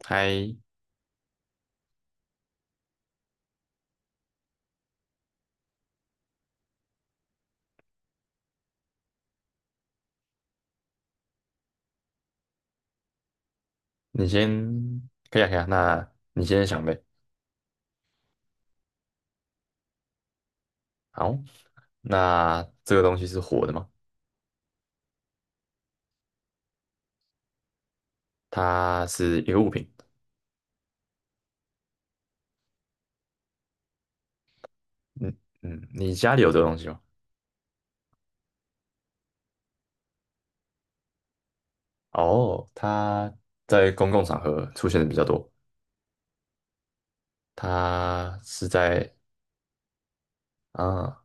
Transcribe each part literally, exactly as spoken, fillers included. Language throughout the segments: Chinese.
嗨，你先可以啊，可以啊。那你先想呗。好，那这个东西是活的吗？它是一个物品。嗯嗯，你家里有这个东西吗？哦，它在公共场合出现的比较多。它是在啊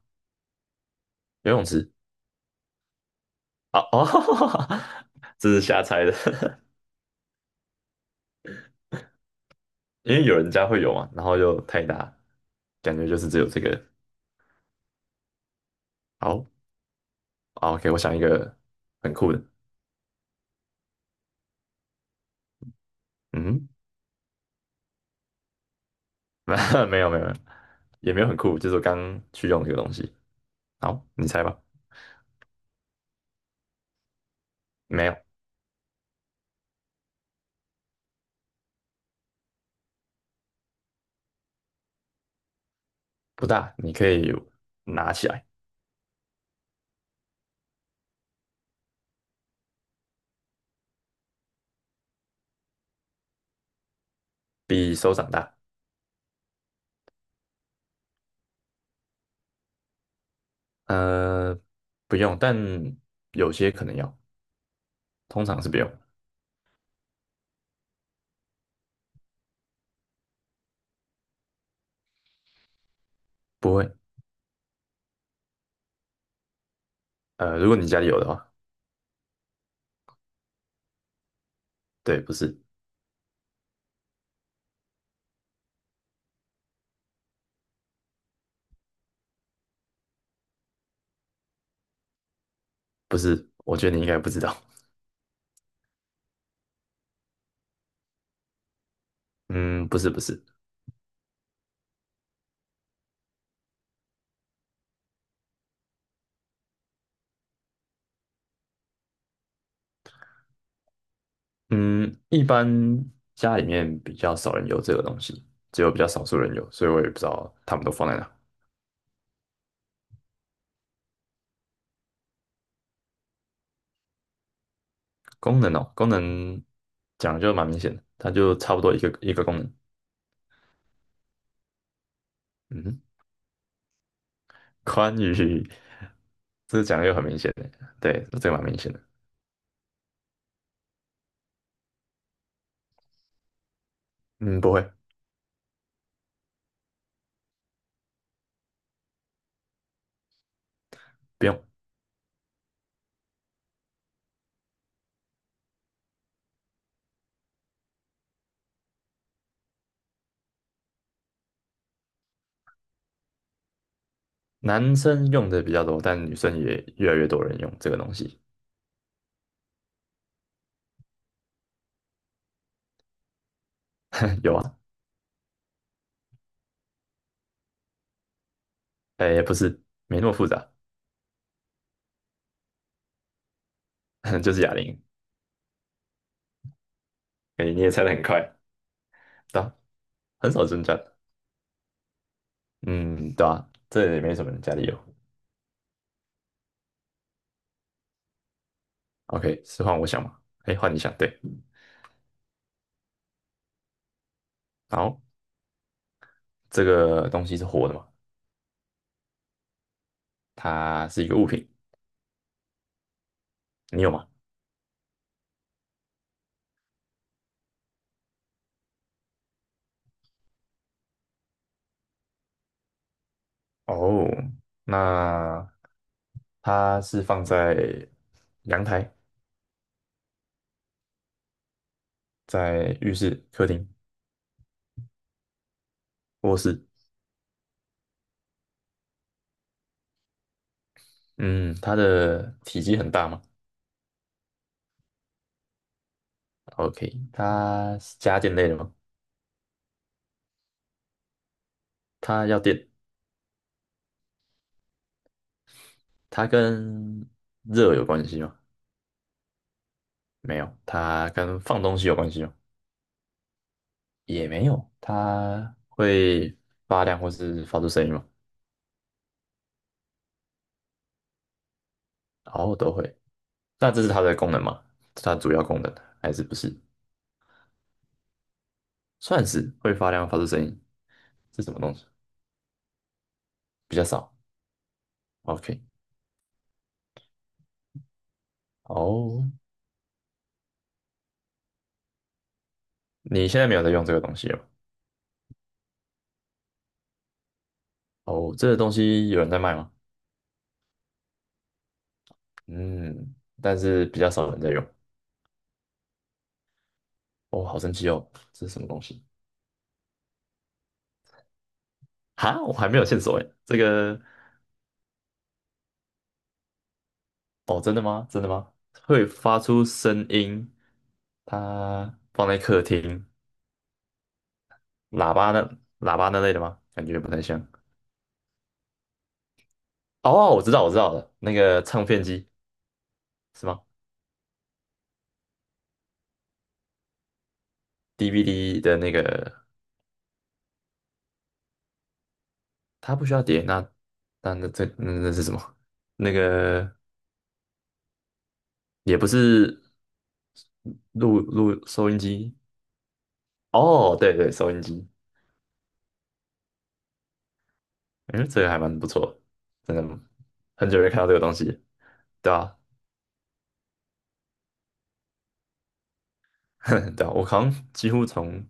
游泳池啊哦，这是瞎猜的，因为有人家会有嘛，然后又太大，感觉就是只有这个。好，好，OK,我想一个很酷的。嗯哼 没有没有没有，也没有很酷，就是我刚去用这个东西。好，你猜吧。没有，不大，你可以拿起来，比手掌大。呃，不用，但有些可能要，通常是不用，不会。呃，如果你家里有的话，对，不是，不是，我觉得你应该不知道。嗯，不是，不是，嗯，一般家里面比较少人有这个东西，只有比较少数人有，所以我也不知道他们都放在哪。功能哦，功能讲得就蛮明显的，它就差不多一个一个功能。嗯哼，宽与这个讲的就很明显的，对，这个蛮明显的。嗯，不会，不用，男生用的比较多，但女生也越来越多人用这个东西。有啊，哎，不是，没那么复杂，就是哑铃。哎，你也猜的很快，对啊，很少增加。嗯，对啊，这也没什么人家里有。OK,是换我想嘛？哎，换你想，对。好，这个东西是活的嘛？它是一个物品，你有吗？哦，那它是放在阳台、在浴室、客厅、卧室。嗯，它的体积很大吗？OK,它是家电类的吗？它要电，它跟热有关系吗？没有，它跟放东西有关系吗？也没有，它会发亮或是发出声音吗？哦，都会。那这是它的功能吗？它主要功能还是不是？算是会发亮发出声音，是什么东西？比较少。OK,哦，你现在没有在用这个东西了吗？哦，这个东西有人在卖吗？嗯，但是比较少人在用。哦，好神奇哦，这是什么东西？哈，我还没有线索哎。这个，哦，真的吗？真的吗？会发出声音，它放在客厅，喇叭那喇叭那类的吗？感觉不太像。哦，我知道，我知道了，那个唱片机是吗？D V D 的那个，它不需要碟，那那那这那那是什么？那个也不是录录收音机哦，对对，收音机，嗯，这个还蛮不错的真的很久没看到这个东西了，对啊，对啊，我好像几乎从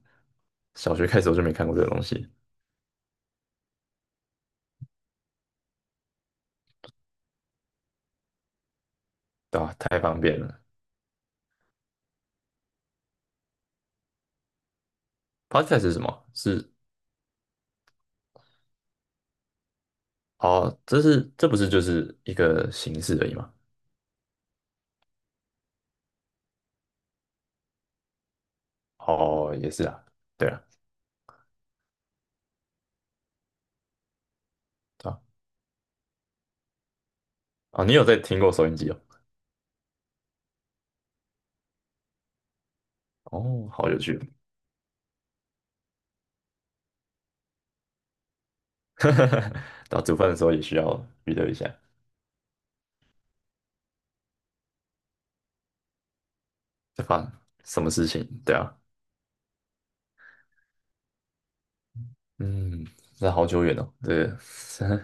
小学开始我就没看过这个东西，对啊，太方便了。Podcast 是什么？是哦，这是这不是就是一个形式而已吗？哦，也是啊，对啊，对啊，哦，你有在听过收音机哦？哦，好有趣，到煮饭的时候也需要娱乐一下。在发什么事情？对啊，嗯，这好久远哦，对，个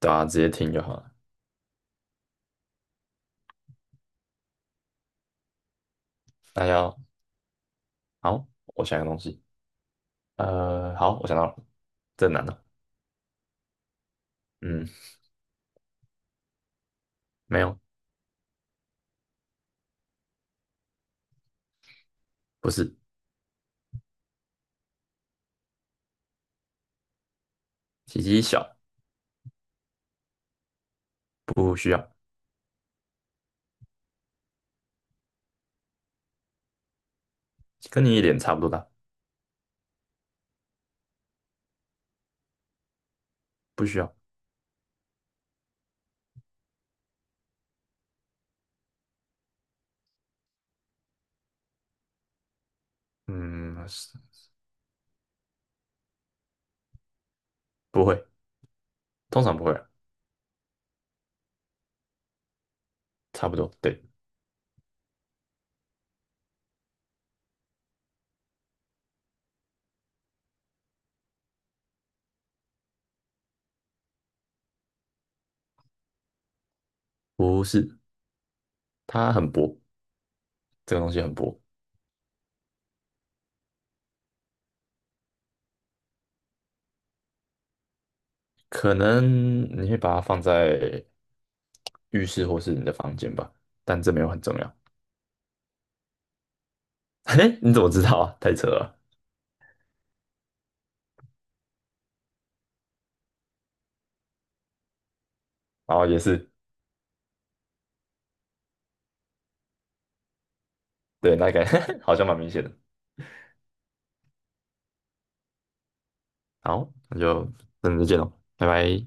对啊，直接听就好了。那要好，我想一个东西，呃，好，我想到了，这难的，嗯，没有，不是，体积小，不需要，跟你脸差不多大，不需要，嗯，是不会，通常不会啊，差不多，对，不是，它很薄，这个东西很薄，可能你会把它放在浴室或是你的房间吧，但这没有很重要。嘿，你怎么知道啊？太扯了。然后也是，对，那个 好像蛮明显的。好，那就等再见喽，拜拜。